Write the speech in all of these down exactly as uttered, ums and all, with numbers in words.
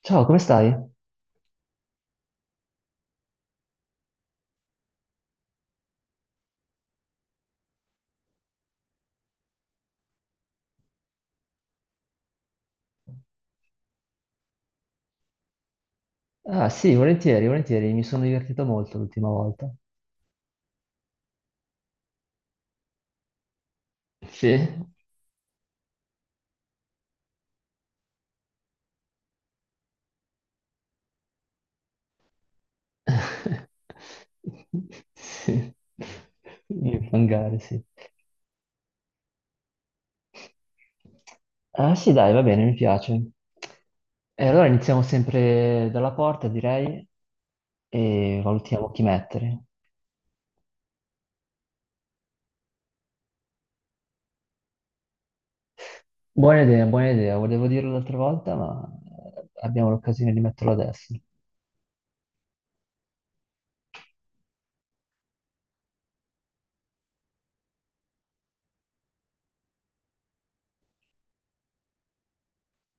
Ciao, come stai? Ah, sì, volentieri, volentieri, mi sono divertito molto l'ultima volta. Sì. Sì. Fangare, sì. Ah, sì, dai, va bene, mi piace. E allora iniziamo sempre dalla porta, direi, e valutiamo chi mettere. Buona idea, buona idea, volevo dirlo l'altra volta, ma eh, abbiamo l'occasione di metterlo adesso.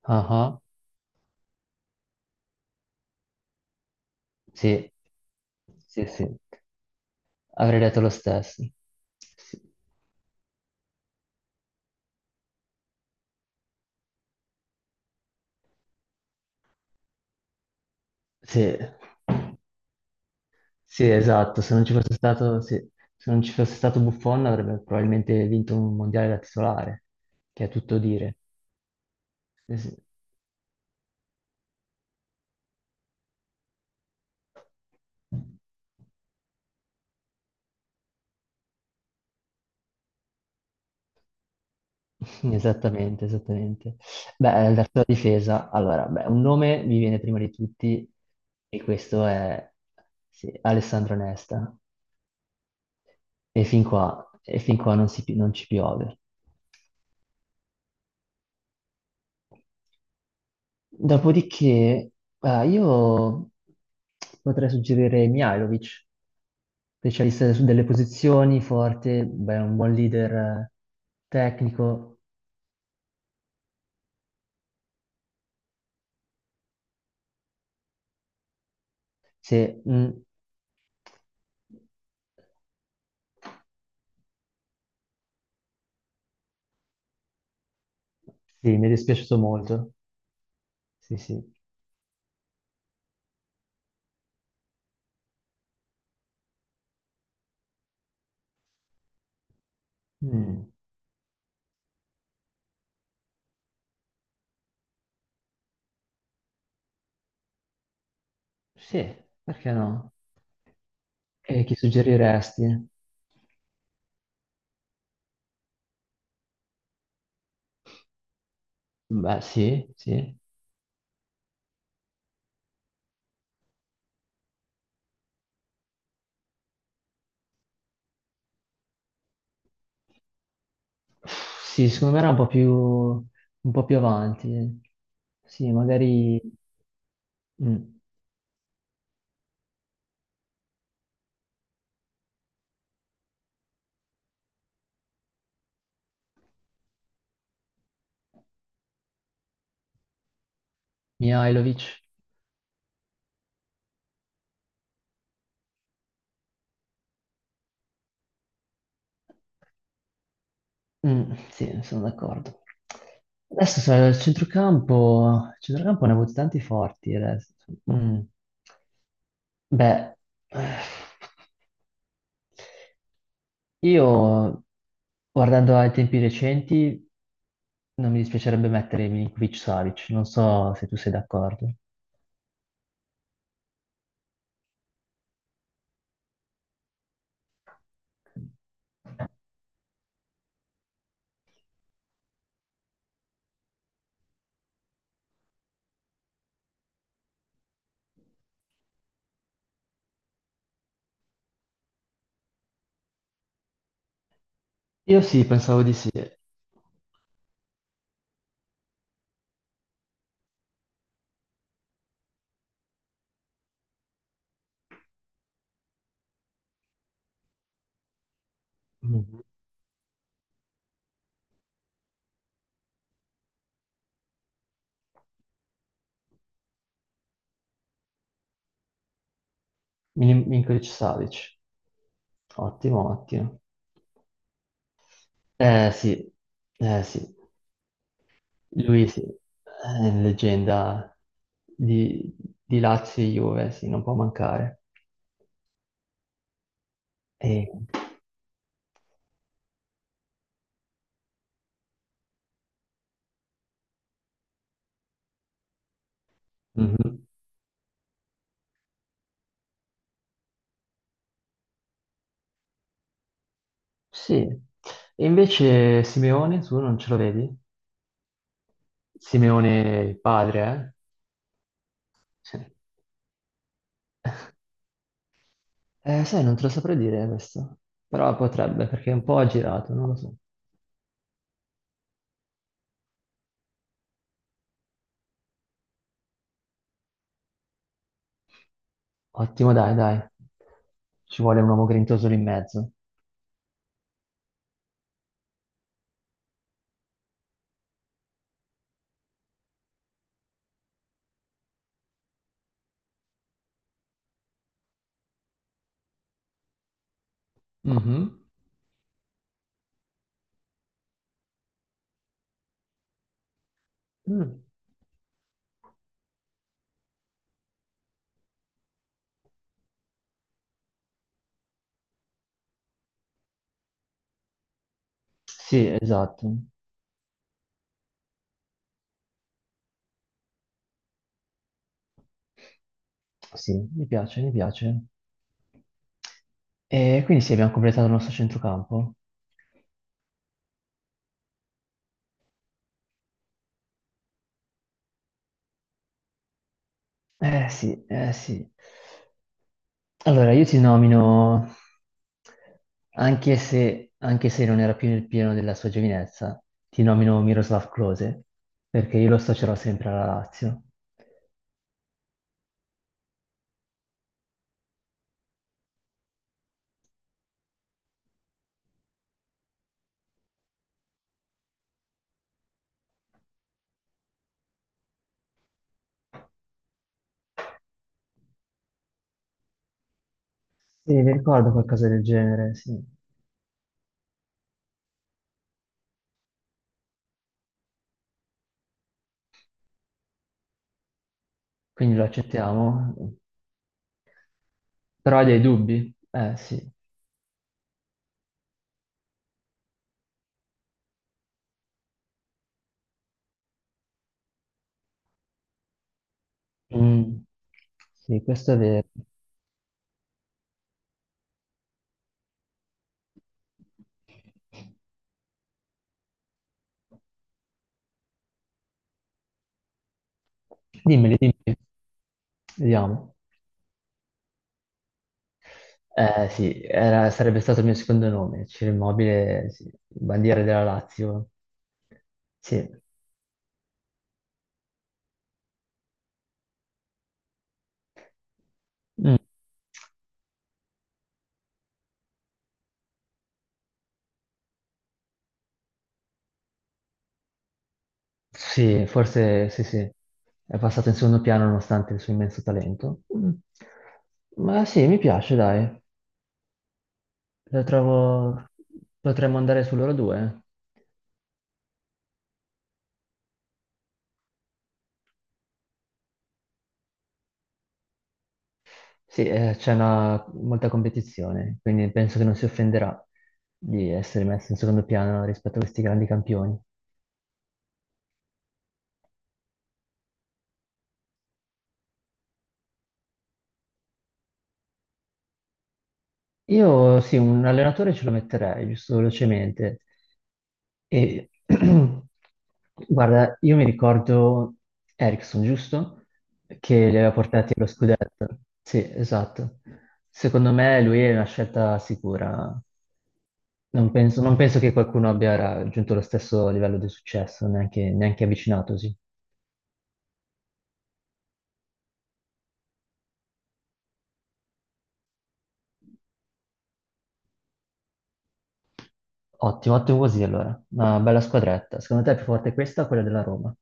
Ah, ah, sì, sì, sì. Avrei detto lo stesso. Sì, sì, sì, esatto. Se non ci fosse stato, sì. Se non ci fosse stato Buffon avrebbe probabilmente vinto un mondiale da titolare, che è tutto dire. Eh sì. Esattamente, esattamente. Beh, la tua difesa, allora, beh, un nome mi viene prima di tutti e questo è sì, Alessandro Nesta. E fin qua, e fin qua non si pi- non ci piove. Dopodiché, eh, io potrei suggerire Mihajlovic, specialista su delle posizioni, forte, beh, un buon leader eh, tecnico. Se, mm, sì, mi è dispiaciuto molto. Sì, sì. Mm, sì, perché no? E chi suggeriresti? Beh, sì, sì. Sì, secondo me era un po' più, un po' più avanti. Sì, magari... mm. Mihajlovic. Mm, sì, sono d'accordo. Adesso sai, il centrocampo, il centrocampo ne ha avuti tanti forti adesso. Mm. Beh, eh, io guardando ai tempi recenti non mi dispiacerebbe mettere Milinkovic-Savic, non so se tu sei d'accordo. Io sì, pensavo di sì. Mhm. Milin- Milinkovic-Savic, ottimo, ottimo. Eh sì, eh sì, lui sì, è leggenda di, di Lazio e Juve, sì, non può mancare. E- mhm, sì, e invece Simeone, tu non ce lo vedi? Simeone il padre, eh? Sì. Eh, sai, non te lo saprei dire questo, però potrebbe, perché è un po' aggirato, non lo so. Ottimo, dai, dai. Ci vuole un uomo grintoso lì in mezzo. Mhm. Mm. Sì, esatto. Sì, mi piace, mi piace. E quindi sì, abbiamo completato il nostro centrocampo. Eh sì, eh sì. Allora, io ti nomino, anche se, anche se non era più nel pieno della sua giovinezza, ti nomino Miroslav Klose, perché io lo associerò sempre alla Lazio. Sì, mi ricordo qualcosa del genere, sì. Quindi lo accettiamo. Però hai dei dubbi? Eh sì. Mm. Sì, questo è vero. Dimmeli, dimmi, vediamo. Eh sì, era- sarebbe stato il mio secondo nome, Ciro Immobile, sì, bandiera della Lazio. Sì. Mm, sì, forse sì, sì. È passato in secondo piano nonostante il suo immenso talento. Mm. Ma sì, mi piace, dai. Lo trovo... Potremmo andare su loro due. Sì, eh, c'è una... molta competizione, quindi penso che non si offenderà di essere messo in secondo piano rispetto a questi grandi campioni. Io sì, un allenatore ce lo metterei, giusto velocemente. E guarda, io mi ricordo Ericsson, giusto? Che li aveva portati allo scudetto. Sì, esatto. Secondo me lui è una scelta sicura. Non penso, non penso che qualcuno abbia raggiunto lo stesso livello di successo, neanche, neanche avvicinatosi. Ottimo, ottimo così allora. Una bella squadretta. Secondo te è più forte questa o quella della Roma?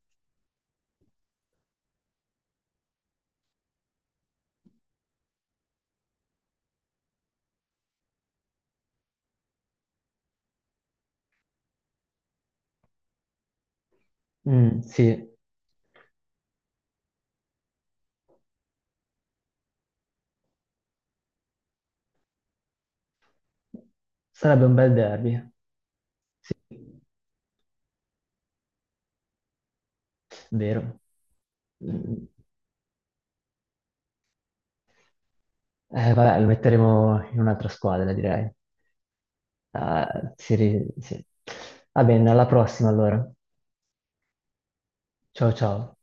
Mm, sì. Sarebbe un bel derby, sì, vero. Mm, Eh, vabbè, lo metteremo in un'altra squadra, direi. Ah, si ri- sì. Va bene, alla prossima allora. Ciao ciao.